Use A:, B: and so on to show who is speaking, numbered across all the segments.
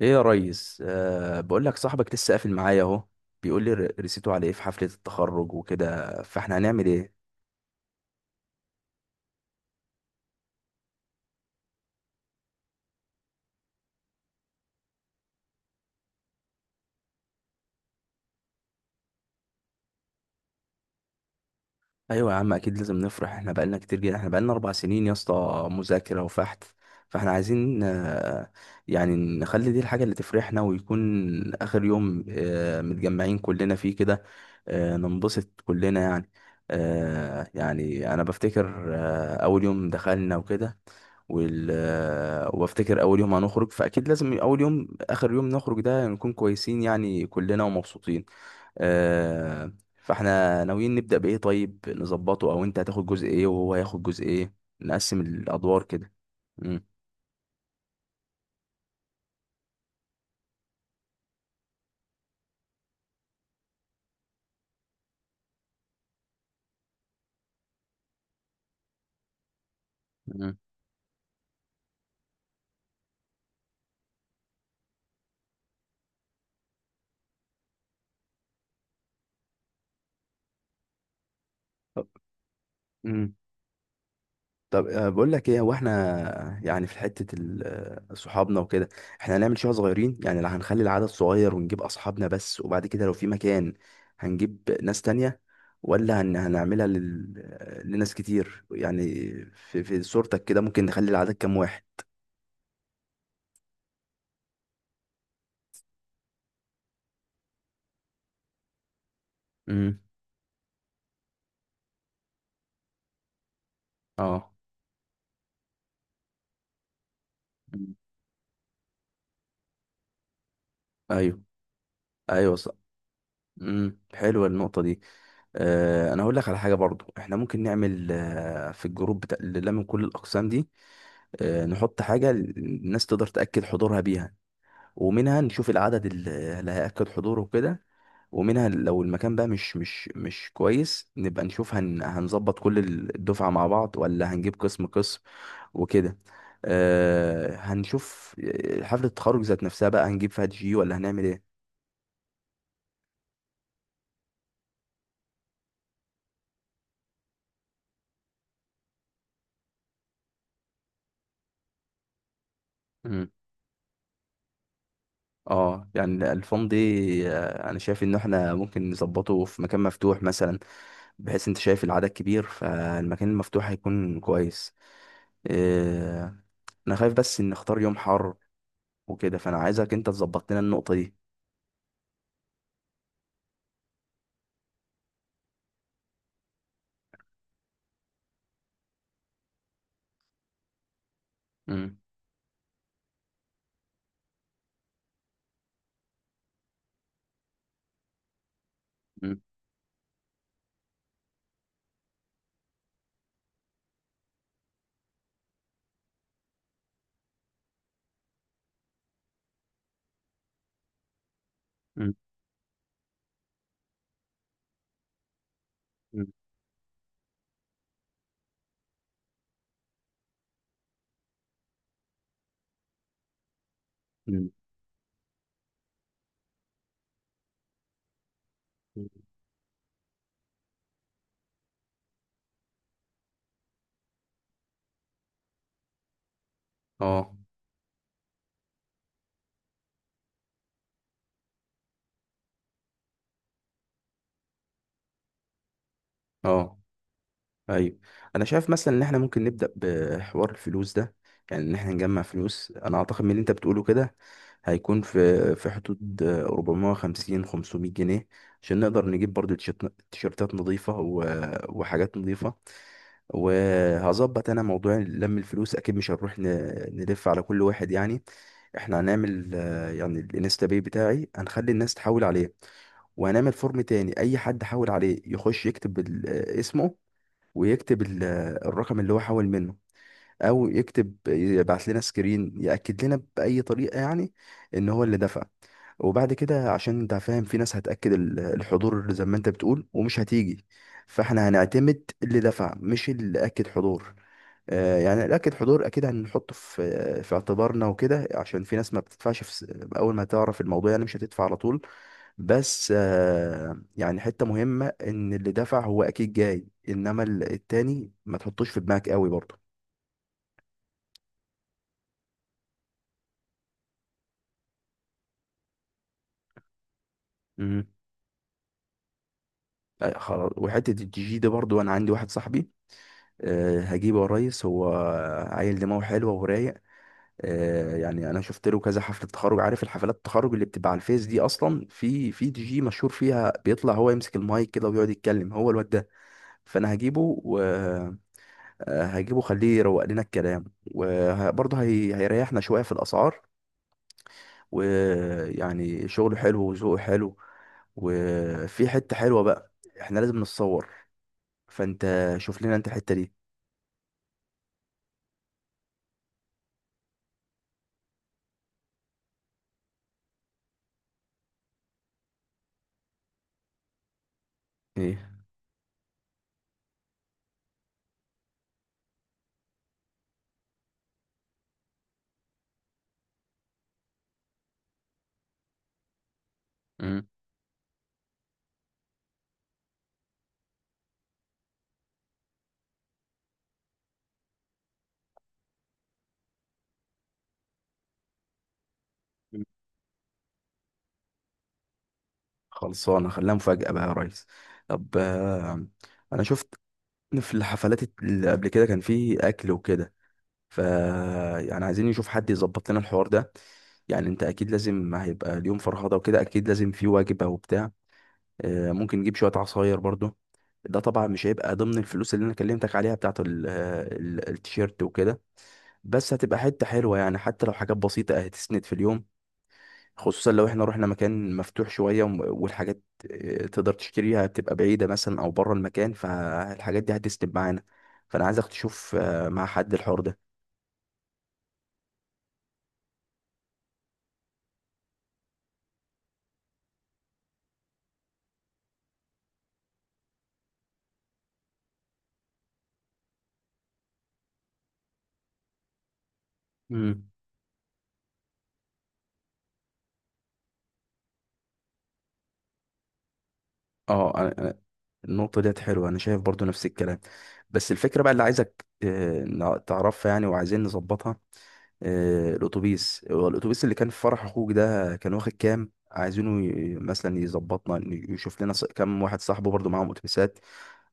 A: ايه يا ريس، بقول لك صاحبك لسه قافل معايا اهو. بيقول لي رسيته على ايه في حفلة التخرج وكده، فاحنا هنعمل ايه؟ ايوه يا عم، اكيد لازم نفرح. احنا بقالنا كتير جدا، احنا بقالنا 4 سنين يا اسطى مذاكرة وفحت. فاحنا عايزين، يعني نخلي دي الحاجة اللي تفرحنا ويكون اخر يوم متجمعين كلنا فيه كده. ننبسط كلنا يعني. يعني انا بفتكر اول يوم دخلنا وكده، وال... آه، وبفتكر اول يوم هنخرج، فاكيد لازم اول يوم اخر يوم نخرج ده نكون كويسين يعني كلنا ومبسوطين. آه، فاحنا ناويين نبدأ بايه؟ طيب نظبطه، او انت هتاخد جزء ايه وهو هياخد جزء ايه؟ نقسم الادوار كده. مم. مم. طب- مم. طب بقول لك ايه، هو احنا يعني في حته صحابنا وكده، احنا هنعمل شويه صغيرين يعني، لا هنخلي العدد صغير ونجيب اصحابنا بس، وبعد كده لو في مكان هنجيب ناس تانية، ولا هنعملها لل... آه، لناس كتير يعني. في صورتك كده ممكن نخلي العدد كام واحد؟ امم. اه. مم. ايوه. ايوه صح. حلوه النقطه دي. انا هقول لك على حاجه برضو، احنا ممكن نعمل في الجروب بتاع اللي من كل الاقسام دي، نحط حاجة الناس تقدر تأكد حضورها بيها، ومنها نشوف العدد اللي هيأكد حضوره وكده، ومنها لو المكان بقى مش كويس، نبقى نشوف هنظبط كل الدفعة مع بعض، ولا هنجيب قسم قسم وكده. هنشوف. حفلة التخرج ذات نفسها بقى هنجيب فيها دي جي ولا هنعمل ايه؟ مم. اه، يعني الفان دي انا شايف ان احنا ممكن نظبطه في مكان مفتوح مثلا. بحيث انت شايف العدد كبير، فالمكان المفتوح هيكون كويس. آه، انا خايف بس ان نختار يوم حر وكده، فانا عايزك انت تظبط لنا النقطة دي. مم. مم. مم. مم. مم. اه. اه. ايوه. انا شايف مثلا ان احنا ممكن نبدا بحوار الفلوس ده، يعني ان احنا نجمع فلوس. انا اعتقد من اللي انت بتقوله كده هيكون في حدود 450 500 جنيه، عشان نقدر نجيب برضو تيشيرتات نظيفه وحاجات نظيفه. وهظبط انا موضوع لم الفلوس. اكيد مش هنروح نلف على كل واحد يعني. احنا هنعمل يعني الانستا باي بتاعي، هنخلي الناس تحول عليه. وهنعمل فورم تاني، اي حد حول عليه يخش يكتب اسمه، ويكتب الرقم اللي هو حول منه، او يكتب يبعت لنا سكرين ياكد لنا باي طريقه، يعني ان هو اللي دفع. وبعد كده عشان انت فاهم في ناس هتاكد الحضور زي ما انت بتقول ومش هتيجي، فاحنا هنعتمد اللي دفع مش اللي اكد حضور. يعني اللي اكد حضور اكيد هنحطه في اعتبارنا وكده، عشان في ناس ما بتدفعش اول ما تعرف الموضوع يعني مش هتدفع على طول. بس يعني حته مهمه ان اللي دفع هو اكيد جاي، انما التاني ما تحطوش في دماغك قوي. برضه. لا، خلاص. وحته الجي جي ده برضو انا عندي واحد صاحبي. هجيبه يا ريس، هو عيل دماغه حلوه ورايق. يعني انا شفت له كذا حفله تخرج. عارف الحفلات التخرج اللي بتبقى على الفيس دي، اصلا في دي جي مشهور فيها بيطلع هو يمسك المايك كده ويقعد يتكلم هو الواد ده. فانا هجيبه. وهجيبه خليه يروق لنا الكلام، وبرضه هيريحنا شويه في الاسعار. ويعني شغله حلو وذوقه حلو. وفي حته حلوه بقى، احنا لازم نتصور. فانت شوف لنا انت الحتة دي. ايه. مم. خلصانة، خليها مفاجأة بقى يا ريس. طب انا شفت في الحفلات اللي قبل كده كان في اكل وكده. ف يعني عايزين نشوف حد يظبط لنا الحوار ده. يعني انت اكيد لازم هيبقى اليوم فرهضة وكده، اكيد لازم في وجبة وبتاع. ممكن نجيب شوية عصاير برضو. ده طبعا مش هيبقى ضمن الفلوس اللي انا كلمتك عليها بتاعت التيشيرت وكده، بس هتبقى حتة حلوة، يعني حتى لو حاجات بسيطة هتسند في اليوم. خصوصا لو احنا رحنا مكان مفتوح شوية، والحاجات تقدر تشتريها بتبقى بعيدة مثلا او بره المكان، فالحاجات دي هتسند معانا. فانا عايزك تشوف مع حد الحوار ده. امم. اه. النقطة ديت حلوة، انا شايف برضو نفس الكلام. بس الفكرة بقى اللي عايزك تعرفها يعني، وعايزين نظبطها. الاتوبيس، هو الاتوبيس اللي كان في فرح اخوك ده كان واخد كام؟ عايزينه مثلا يظبطنا، إن يشوف لنا كام واحد صاحبه برضو معاهم اتوبيسات،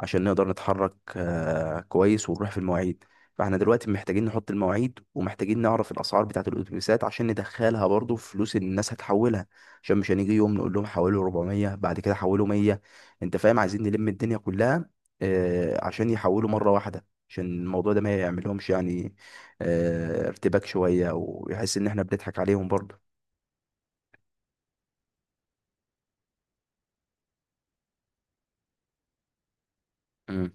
A: عشان نقدر نتحرك كويس ونروح في المواعيد. فاحنا دلوقتي محتاجين نحط المواعيد، ومحتاجين نعرف الاسعار بتاعه الاتوبيسات عشان ندخلها برضو في فلوس اللي الناس هتحولها، عشان مش هنيجي يوم نقول لهم حولوا 400 بعد كده حولوا 100. انت فاهم، عايزين نلم الدنيا كلها، عشان يحولوا مره واحده، عشان الموضوع ده ما يعملهمش يعني ارتباك شوية، ويحس ان احنا بنضحك عليهم برضه. مم.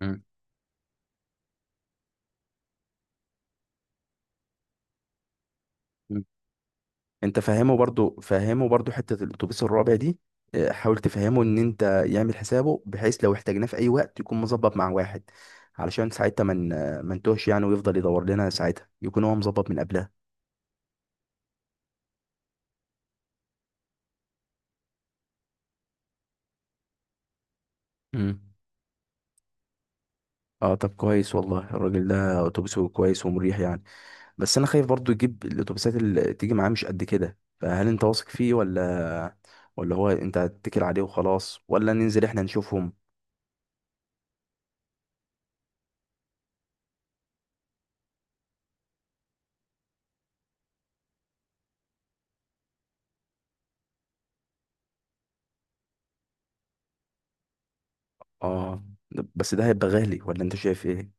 A: مم. مم. انت فاهمه برضه، فاهمه برضه، حتة الاتوبيس الرابع دي. حاول تفهمه ان انت يعمل حسابه، بحيث لو احتاجناه في اي وقت يكون مظبط مع واحد، علشان ساعتها من ما نتوهش يعني، ويفضل يدور لنا ساعتها يكون هو مظبط من قبلها. مم. اه، طب كويس والله. الراجل ده اتوبيسه كويس ومريح يعني. بس انا خايف برضو يجيب الاتوبيسات اللي تيجي معاه مش قد كده، فهل انت واثق فيه، ولا ولا هو انت هتتكل عليه وخلاص، ولا ننزل احنا نشوفهم؟ اه، بس ده هيبقى غالي ولا انت شايف ايه؟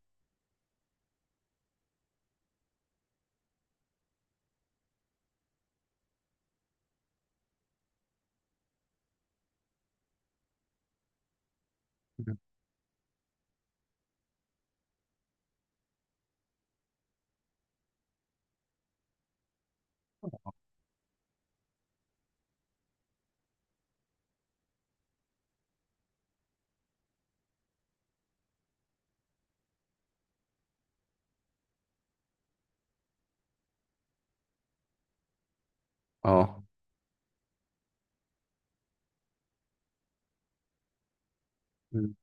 A: مم. اه. مم.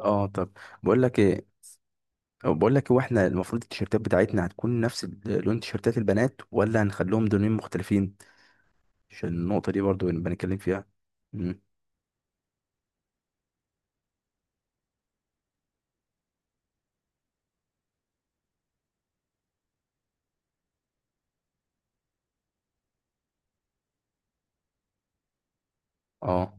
A: اه، طب بقول لك ايه، بقول لك هو احنا المفروض التيشيرتات بتاعتنا هتكون نفس لون تيشيرتات البنات، ولا هنخليهم لونين مختلفين؟ عشان النقطة دي برضو نبقى نتكلم فيها. مم. اه،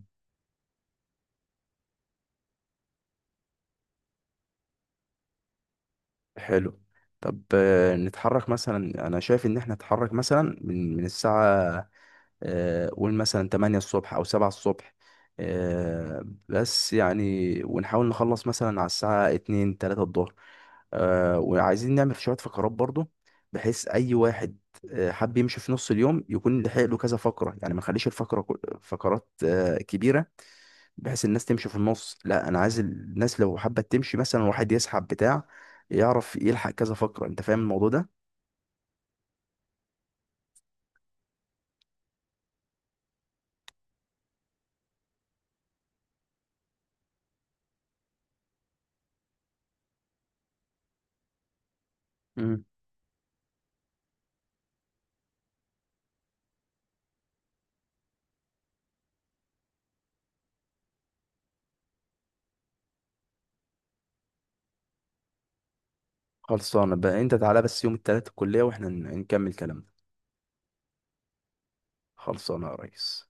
A: حلو. طب نتحرك مثلا، انا شايف ان احنا نتحرك مثلا من الساعة قول مثلا 8 الصبح او 7 الصبح، بس يعني ونحاول نخلص مثلا على الساعة 2 3 الظهر. وعايزين نعمل شوية فقرات برضو، بحيث اي واحد حب يمشي في نص اليوم يكون لحق له كذا فقرة، يعني ما نخليش الفقرة فقرات كبيرة بحيث الناس تمشي في النص. لا، انا عايز الناس لو حابه تمشي مثلا، واحد يسحب بتاع، يعرف يلحق كذا فقره. انت فاهم الموضوع ده؟ مم. خلصانه بقى، انت تعالى بس يوم التلات الكليه واحنا نكمل كلامنا. خلصانه يا ريس.